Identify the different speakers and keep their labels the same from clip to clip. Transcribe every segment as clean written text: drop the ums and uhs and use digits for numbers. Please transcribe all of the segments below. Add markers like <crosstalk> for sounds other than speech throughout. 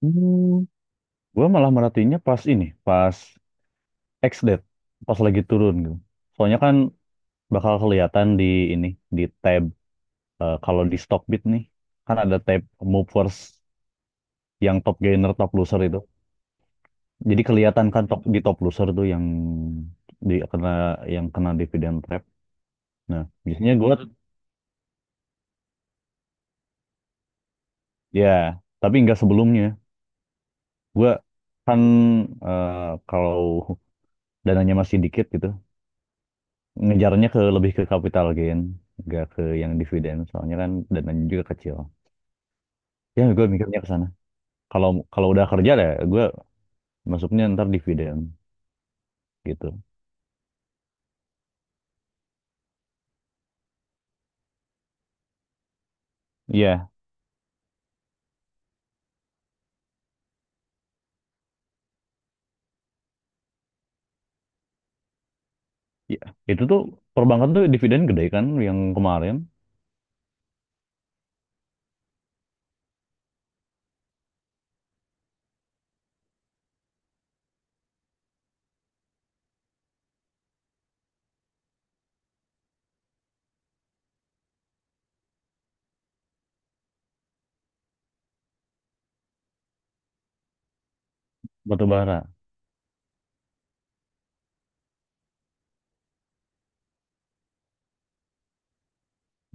Speaker 1: Hmm, gue malah merhatiinnya pas ini, pas X-Date, pas lagi turun gitu. Soalnya kan bakal kelihatan di ini, di tab kalau di Stockbit nih, kan ada tab movers yang top gainer, top loser itu. Jadi kelihatan kan top di top loser tuh yang di kena yang kena dividend trap. Nah, biasanya gue ya, tapi nggak sebelumnya. Gue kan eh, kalau dananya masih dikit gitu, ngejarnya ke lebih ke capital gain, nggak ke yang dividen. Soalnya kan dananya juga kecil. Ya, gue mikirnya ke sana. Kalau kalau udah kerja deh, gue masuknya ntar dividen gitu. Iya, iya. Itu tuh perbankan tuh dividen gede kan yang kemarin batu bara.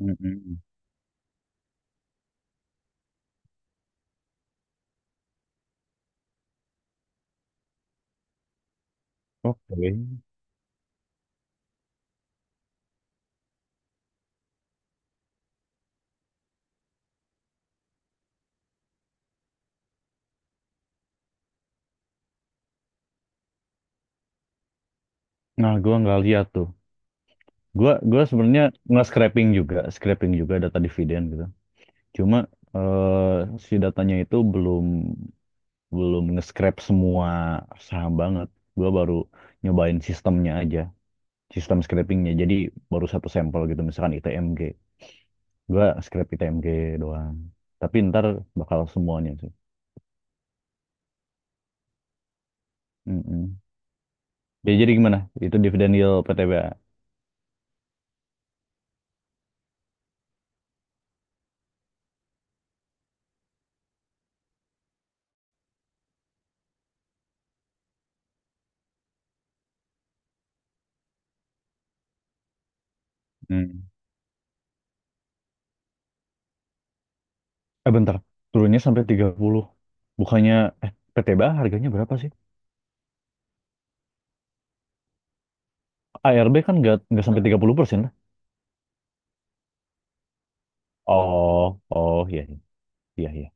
Speaker 1: Mm-mm. Oke. Nah, gue nggak lihat tuh. Gue sebenarnya nggak scraping juga, scraping juga data dividen gitu. Cuma si datanya itu belum belum nge-scrap semua saham banget. Gue baru nyobain sistemnya aja, sistem scrapingnya. Jadi baru satu sampel gitu, misalkan ITMG. Gue scrap ITMG doang. Tapi ntar bakal semuanya sih. Mm-mm. Ya, jadi gimana? Itu dividen yield PTBA. Hmm. Bentar, turunnya sampai 30. Bukannya, eh PTBA harganya berapa sih? ARB kan nggak sampai 30% lah. Oh, oh, iya, iya, iya.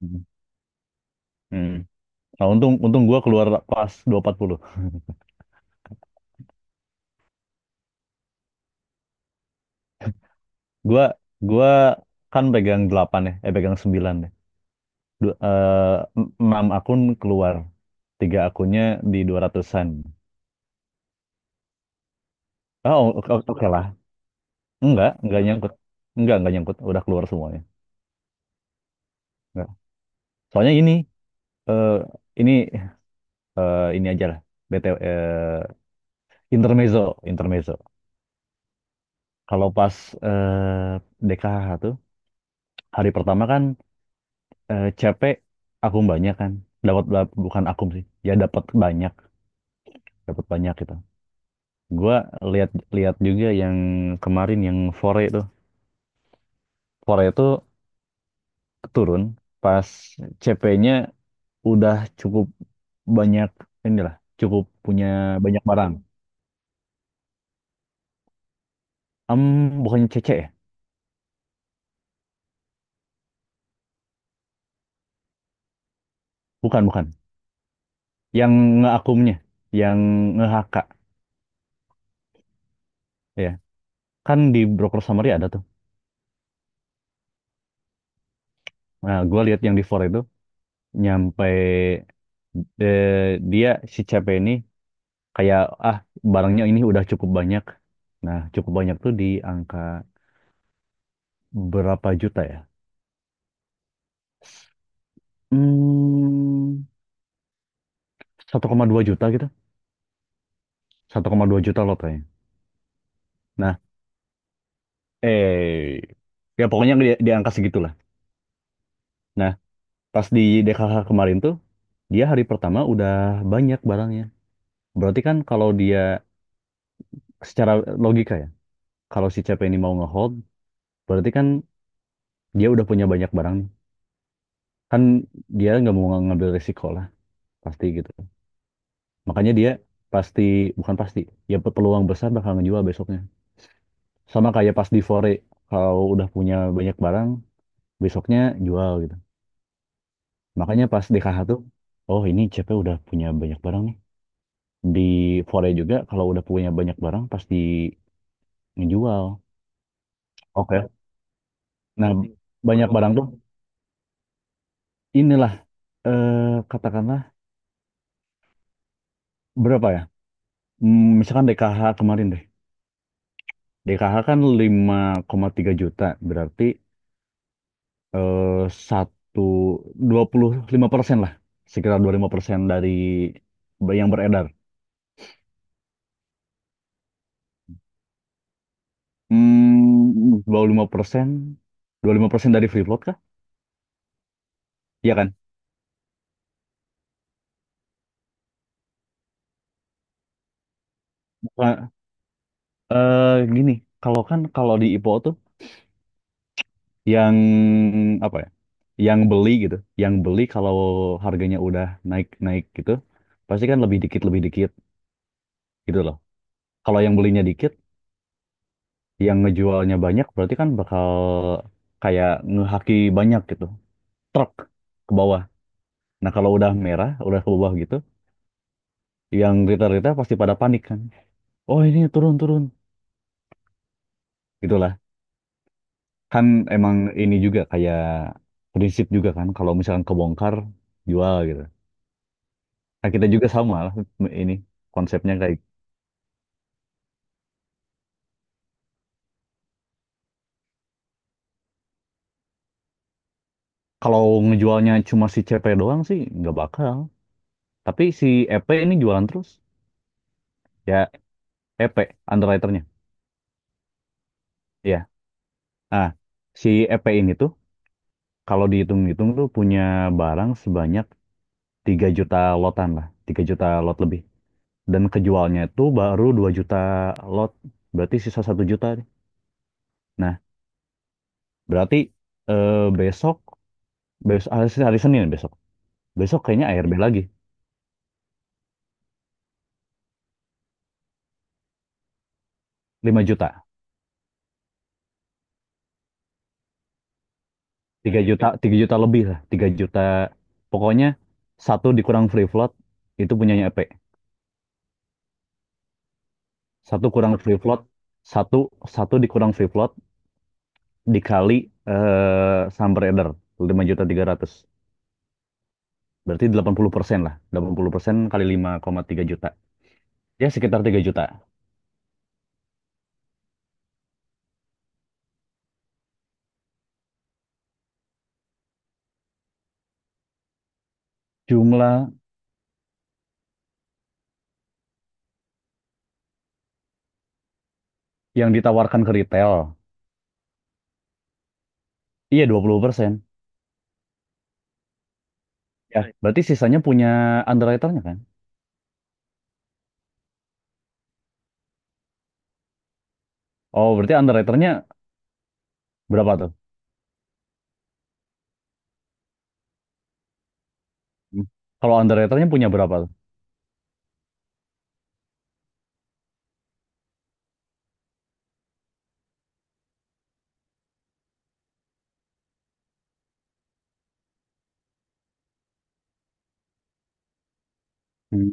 Speaker 1: Hmm. Hmm. Nah, untung untung gua keluar pas 240. <laughs> Gua gua kan pegang 8 ya, pegang 9 deh. Dua, eh, Enam akun keluar. Tiga akunnya di 200-an. Oh, oke oke lah. Enggak nyangkut. Enggak nyangkut. Udah keluar semuanya. Enggak. Soalnya eh ini ini aja lah. BTW intermezzo, intermezzo. Kalau pas eh, DKH tuh hari pertama kan CP akun banyak kan. Dapat bukan akum sih. Ya dapat banyak gitu. Gua lihat lihat juga yang kemarin yang Fore itu. Fore itu turun pas CP-nya udah cukup banyak inilah, cukup punya banyak barang. Em, Bukannya CC ya? Bukan, bukan. Yang ngeakumnya, yang nge-HK ya. Kan di broker summary ada tuh. Nah, gua lihat yang di Fore itu nyampe dia si CP ini kayak ah barangnya ini udah cukup banyak. Nah, cukup banyak tuh di angka berapa juta ya? Hmm, 1,2 juta gitu. 1,2 juta lotanya. Nah, eh ya pokoknya di angka segitulah. Nah, pas di DKH kemarin tuh dia hari pertama udah banyak barangnya. Berarti kan kalau dia secara logika ya, kalau si CP ini mau ngehold, berarti kan dia udah punya banyak barang nih. Kan dia nggak mau ngambil resiko lah, pasti gitu. Makanya dia pasti bukan pasti, ya peluang besar bakal ngejual besoknya. Sama kayak pas di Fore, kalau udah punya banyak barang, besoknya jual gitu. Makanya pas di KH tuh, oh ini CP udah punya banyak barang nih. Di Fore juga kalau udah punya banyak barang pasti ngejual. Oke. Nah, banyak barang tuh inilah eh, katakanlah berapa ya? Hmm, misalkan DKH kemarin deh. DKH kan 5,3 juta, berarti eh, satu 25% lah, sekitar 25% dari yang beredar. Hmm, 25%, 25% dari free float kah? Iya kan? Bukan- gini, kalau di IPO tuh yang apa ya? Yang beli gitu, yang beli kalau harganya udah naik-naik gitu, pasti kan lebih dikit gitu loh. Kalau yang belinya dikit, yang ngejualnya banyak berarti kan bakal kayak ngehaki banyak gitu, truk ke bawah. Nah, kalau udah merah, udah ke bawah gitu, yang retail-retail pasti pada panik kan. Oh, ini turun-turun. Kan emang ini juga kayak prinsip juga kan kalau misalkan kebongkar jual gitu. Nah, kita juga sama lah ini konsepnya kayak kalau ngejualnya cuma si CP doang sih nggak bakal. Tapi si EP ini jualan terus. Ya EP underwriternya. Iya. Ah, si EP ini tuh kalau dihitung-hitung tuh punya barang sebanyak 3 juta lotan lah, 3 juta lot lebih. Dan kejualnya itu baru 2 juta lot. Berarti sisa satu juta nih. Nah, berarti besok besok hari Senin besok. Besok kayaknya ARB lagi 5 juta, 3 juta, 3 juta lebih lah, 3 juta. Pokoknya satu dikurang free float itu punyanya EP. Satu kurang free float, satu satu dikurang free float dikali sumber order 5 juta 300. Berarti 80% lah. 80% kali 5,3 juta. Ya sekitar 3 juta. Jumlah yang ditawarkan ke retail. Iya 20%. Ya, berarti sisanya punya underwriternya kan? Oh, berarti underwriternya berapa tuh? Hmm. Kalau underwriternya punya berapa tuh? Hmm.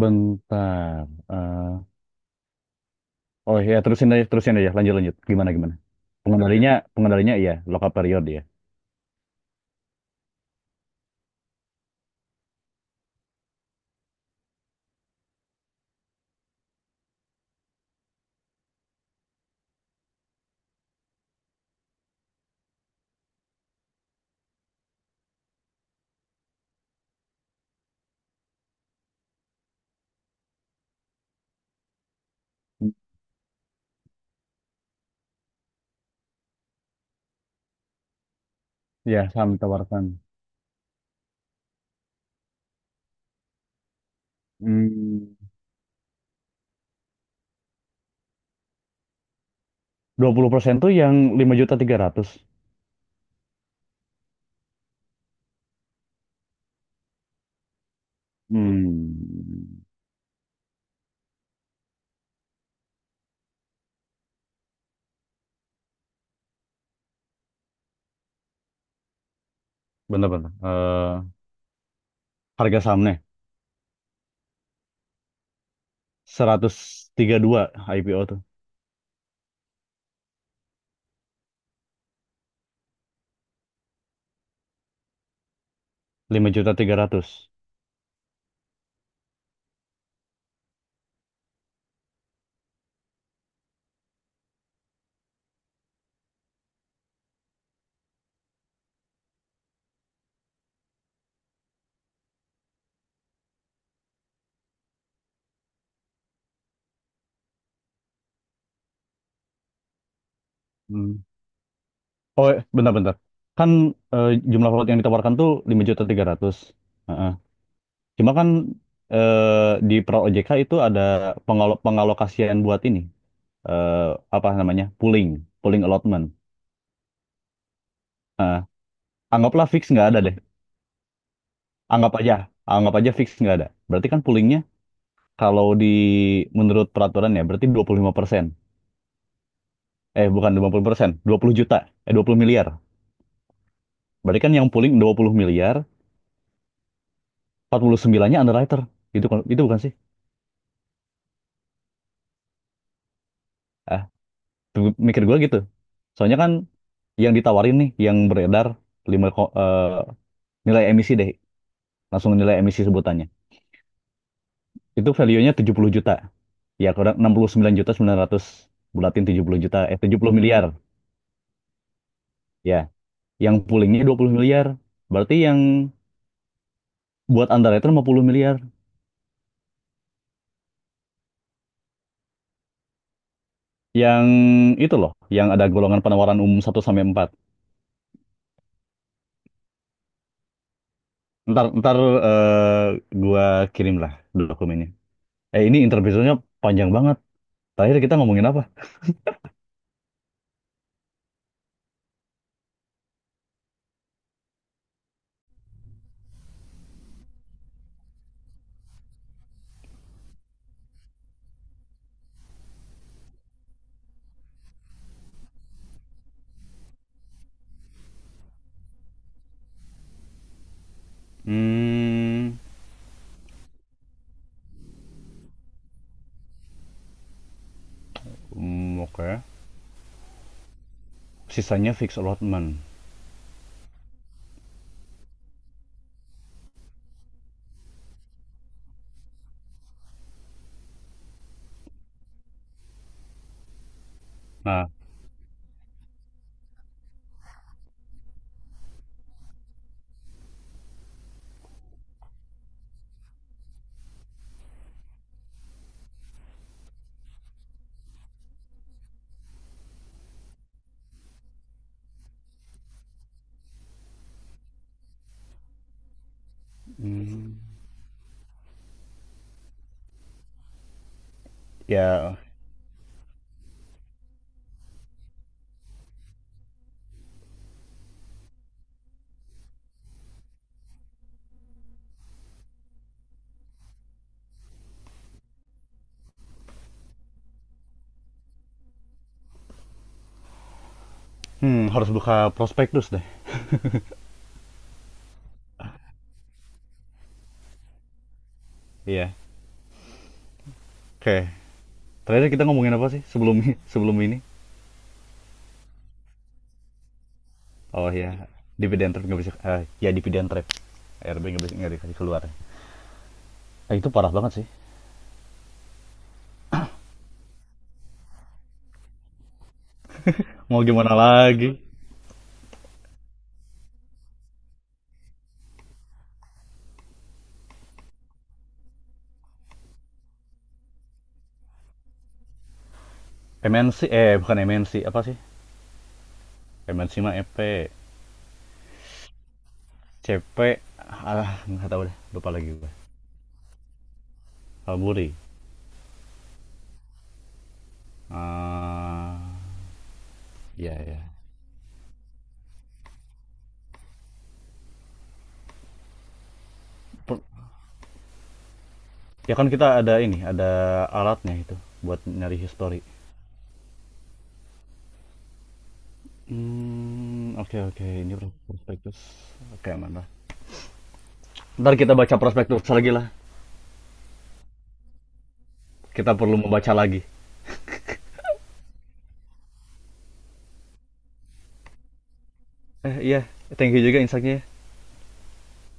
Speaker 1: Bentar. Oh ya, terusin aja, terusin aja. Lanjut, lanjut. Gimana, gimana? Pengendalinya iya, lock-up period ya. Hmm. Ya, saham ditawarkan. Hmm. 20% tuh yang 5.300. Hmm. Bentar, bentar. Harga sahamnya 132 IPO tuh. Lima juta tiga ratus. Oh, bentar-bentar. Kan jumlah lot yang ditawarkan tuh 5 juta 300. Heeh. Cuma kan di Pro OJK itu ada pengalokasian buat ini. eh, apa namanya? Pooling, pooling allotment. Heeh. Anggaplah fix nggak ada deh. Anggap aja, anggap aja fix nggak ada. Berarti kan poolingnya kalau di menurut peraturan ya berarti 25%. Eh bukan dua puluh persen, 20 juta. Eh 20 miliar. Berarti kan yang pooling 20 miliar, 49-nya underwriter. Itu itu bukan sih? Tuh, mikir gue gitu. Soalnya kan yang ditawarin nih, yang beredar 5 ko- eh, nilai emisi deh, langsung nilai emisi sebutannya. Itu value-nya 70 juta. Ya, kurang 69 juta 900 bulatin tujuh puluh juta, eh 70 miliar. Ya, yang poolingnya 20 miliar. Berarti yang buat Andara itu 50 miliar. Yang itu loh, yang ada golongan penawaran umum satu sampai empat. Ntar, ntar eh, gua kirim lah dokumennya. Ini interview panjang banget. Terakhir kita ngomongin apa? Hmm. Hmm, oke. Sisanya fixed allotment. Nah, hmm. Ya, harus buka prospektus deh. Iya. Oke. Terakhir kita ngomongin apa sih sebelum <laughs> sebelum ini? Oh ya, dividend trap nggak bisa. Ya dividend trap. RB nggak bisa nggak dikasih keluar. Itu parah banget sih. Mau gimana lagi? MNC eh bukan MNC apa sih? MNC mah EP, CP, ah nggak tahu deh. Lupa lagi gue. Kalburi. Ah, ya ya. Per- Ya kan kita ada ini, ada alatnya itu buat nyari history. Hmm, oke okay, oke, okay. Ini prospektus. Oke, okay, mana? Ntar kita baca prospektus lagi lah. Kita perlu membaca lagi. Eh iya, thank you juga insight-nya ya.